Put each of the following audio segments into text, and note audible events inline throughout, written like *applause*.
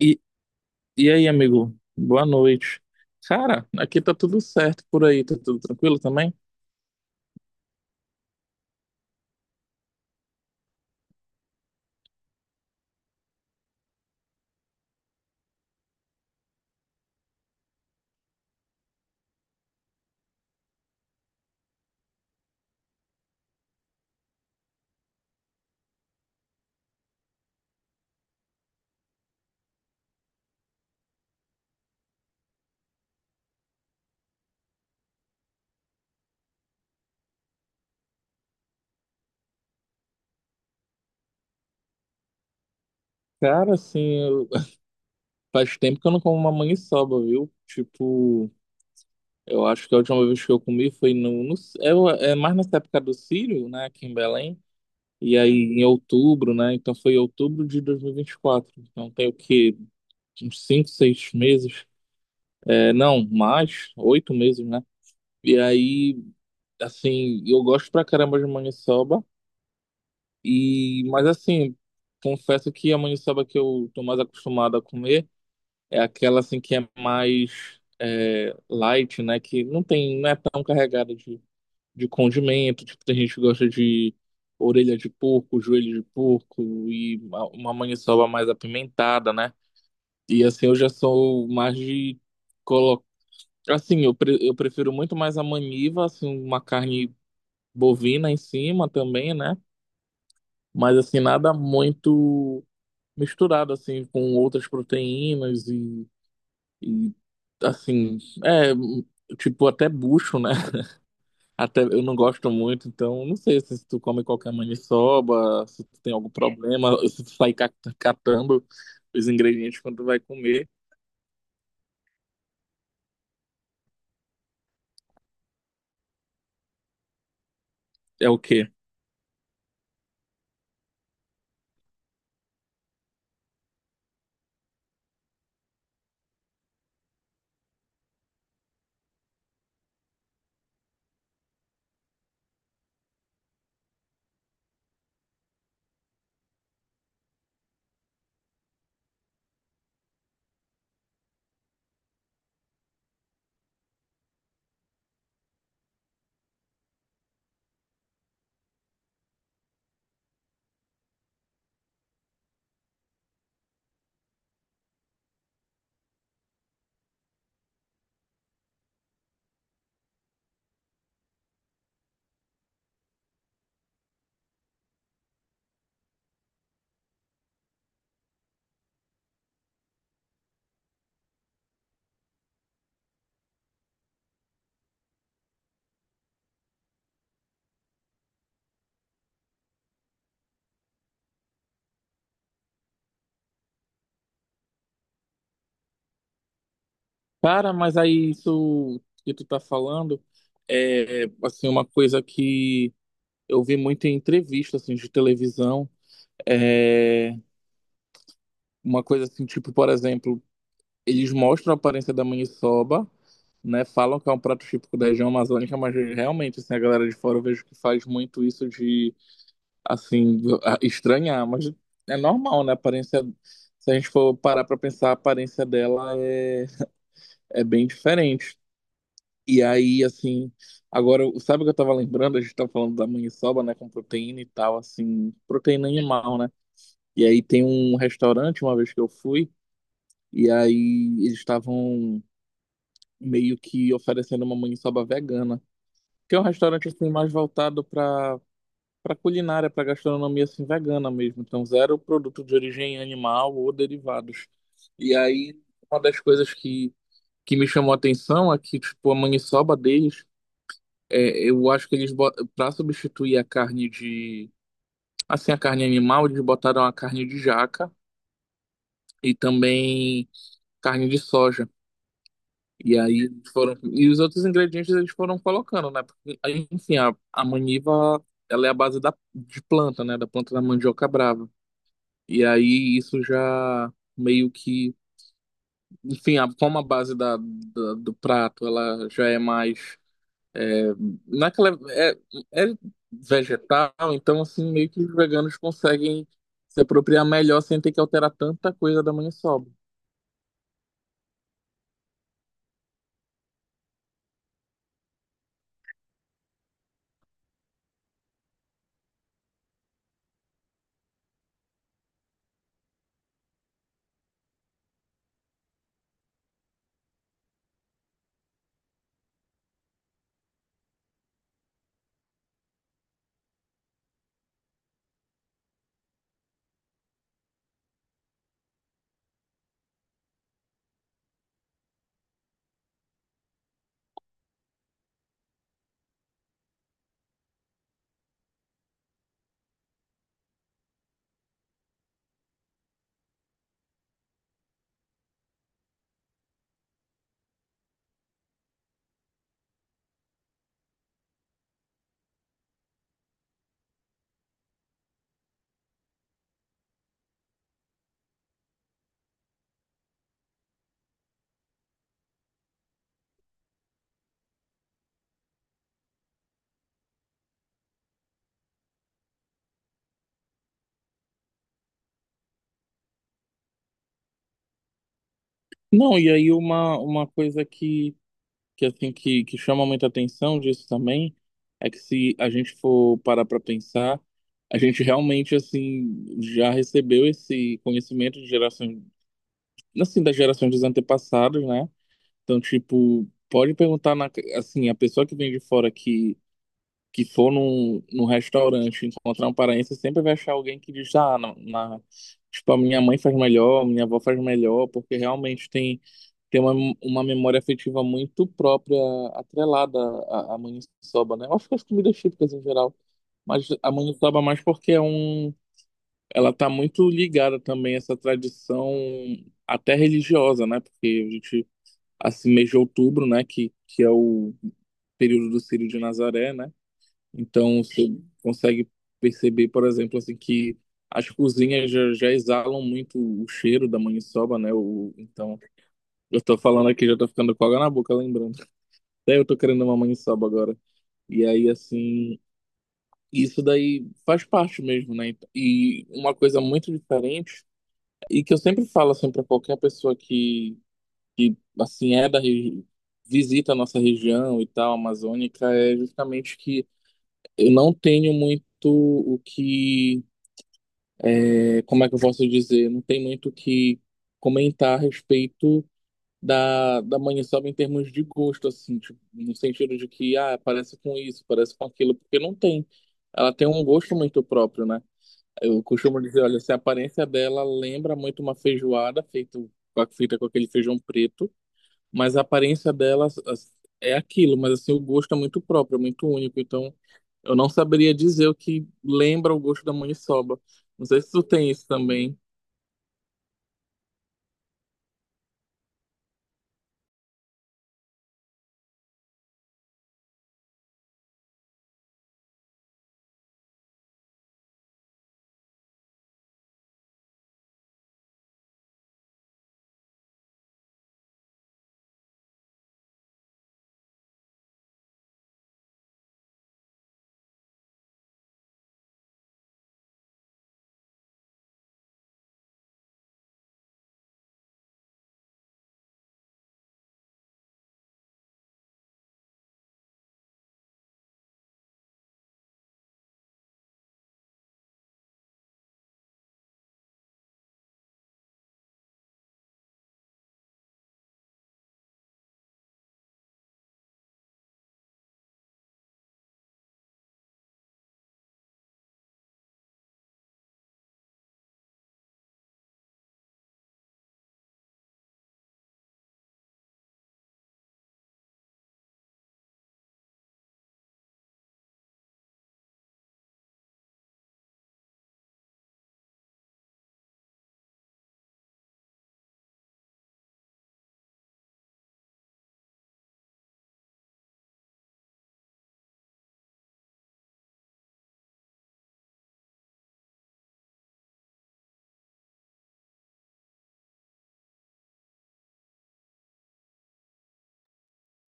E, e aí, amigo? Boa noite. Cara, aqui tá tudo certo por aí, tá tudo tranquilo também? Cara, assim, *laughs* faz tempo que eu não como uma maniçoba, viu? Tipo, eu acho que a última vez que eu comi foi no, é mais nessa época do Círio, né, aqui em Belém, e aí em outubro, né, então foi outubro de 2024, então tem o que, uns 5, 6 meses, é, não, mais, 8 meses, né, e aí, assim, eu gosto pra caramba de maniçoba, e, mas assim, confesso que a maniçoba que eu tô mais acostumado a comer é aquela, assim, que é mais... é, light, né? Que não tem, não é tão carregada de condimento. Tipo, tem gente que gosta de orelha de porco, joelho de porco e uma maniçoba mais apimentada, né? E assim, eu já sou mais de colocar. Assim, eu, eu prefiro muito mais a maniva, assim, uma carne bovina em cima também, né? Mas assim, nada muito misturado, assim, com outras proteínas e assim, é, tipo, até bucho, né? Até eu não gosto muito, então não sei se tu come qualquer maniçoba, se tu tem algum problema, se tu sai catando os ingredientes quando tu vai comer, é o quê? Cara, mas aí isso que tu tá falando é assim uma coisa que eu vi muito em entrevista assim de televisão, é uma coisa assim, tipo, por exemplo, eles mostram a aparência da maniçoba, né, falam que é um prato típico da região amazônica, mas realmente, assim, a galera de fora eu vejo que faz muito isso de assim, estranhar, mas é normal, né? A aparência, se a gente for parar pra pensar, a aparência dela é, é bem diferente. E aí, assim, agora, sabe o que eu tava lembrando? A gente tava falando da maniçoba, né, com proteína e tal, assim, proteína animal, né? E aí tem um restaurante, uma vez que eu fui, e aí eles estavam meio que oferecendo uma maniçoba vegana, que é um restaurante, assim, mais voltado pra para culinária, para gastronomia assim vegana mesmo, então zero produto de origem animal ou derivados. E aí uma das coisas que me chamou a atenção é que tipo a maniçoba deles, é, eu acho que eles para substituir a carne de assim a carne animal, eles botaram a carne de jaca e também carne de soja. E aí foram e os outros ingredientes eles foram colocando, né? Porque, aí, enfim, a maniva ela é a base da, de planta, né? Da planta da mandioca brava. E aí isso já meio que, enfim, a, como a base da do prato ela já é mais, é, não é que ela é, é vegetal, então assim meio que os veganos conseguem se apropriar melhor sem ter que alterar tanta coisa da maniçoba. Não, e aí uma coisa que chama muita atenção disso também é que se a gente for parar para pensar, a gente realmente assim já recebeu esse conhecimento de geração, assim, das gerações dos antepassados, né? Então, tipo, pode perguntar, na, assim, a pessoa que vem de fora que for num restaurante encontrar um paraense, sempre vai achar alguém que diz, ah, tipo, a minha mãe faz melhor, a minha avó faz melhor, porque realmente tem, tem uma memória afetiva muito própria, atrelada à maniçoba, né? Eu acho que as comidas típicas em geral, mas a maniçoba mais porque é um, ela está muito ligada também a essa tradição até religiosa, né? Porque a gente, assim, mês de outubro, né? Que é o período do Círio de Nazaré, né? Então você, sim, consegue perceber, por exemplo, assim, que as cozinhas já exalam muito o cheiro da maniçoba, né? O, então, eu tô falando aqui, já tô ficando com água na boca, lembrando. Até eu tô querendo uma maniçoba agora. E aí, assim, isso daí faz parte mesmo, né? E uma coisa muito diferente e que eu sempre falo assim para qualquer pessoa que assim é visita a nossa região e tal, amazônica, é justamente que eu não tenho muito o que, é, como é que eu posso dizer, não tem muito o que comentar a respeito da maniçoba em termos de gosto assim, tipo, no sentido de que ah, parece com isso, parece com aquilo, porque não tem. Ela tem um gosto muito próprio, né? Eu costumo dizer, olha, se a aparência dela lembra muito uma feijoada feita com aquele feijão preto, mas a aparência dela é aquilo, mas assim, o gosto é muito próprio, é muito único, então eu não saberia dizer o que lembra o gosto da maniçoba. Não sei se tu tem isso também.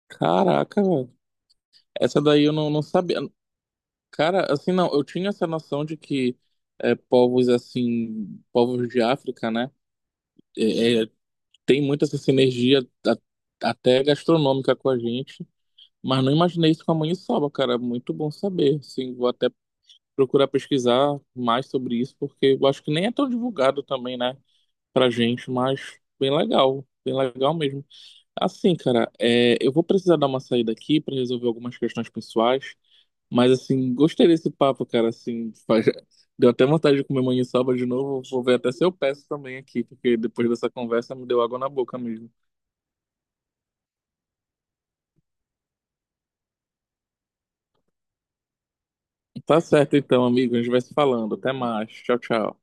Caraca, velho. Essa daí eu não, não sabia. Cara, assim, não, eu tinha essa noção de que é, povos assim, povos de África, né, é, tem muita essa sinergia a- até gastronômica com a gente. Mas não imaginei isso com a maniçoba, cara. É muito bom saber. Sim, vou até procurar pesquisar mais sobre isso, porque eu acho que nem é tão divulgado também, né, pra gente, mas bem legal. Bem legal mesmo. Assim, cara, é, eu vou precisar dar uma saída aqui pra resolver algumas questões pessoais, mas assim, gostei desse papo, cara, assim, *laughs* deu até vontade de comer maniçoba de novo. Vou ver até se eu peço também aqui, porque depois dessa conversa me deu água na boca mesmo. Tá certo então, amigo, a gente vai se falando. Até mais. Tchau, tchau.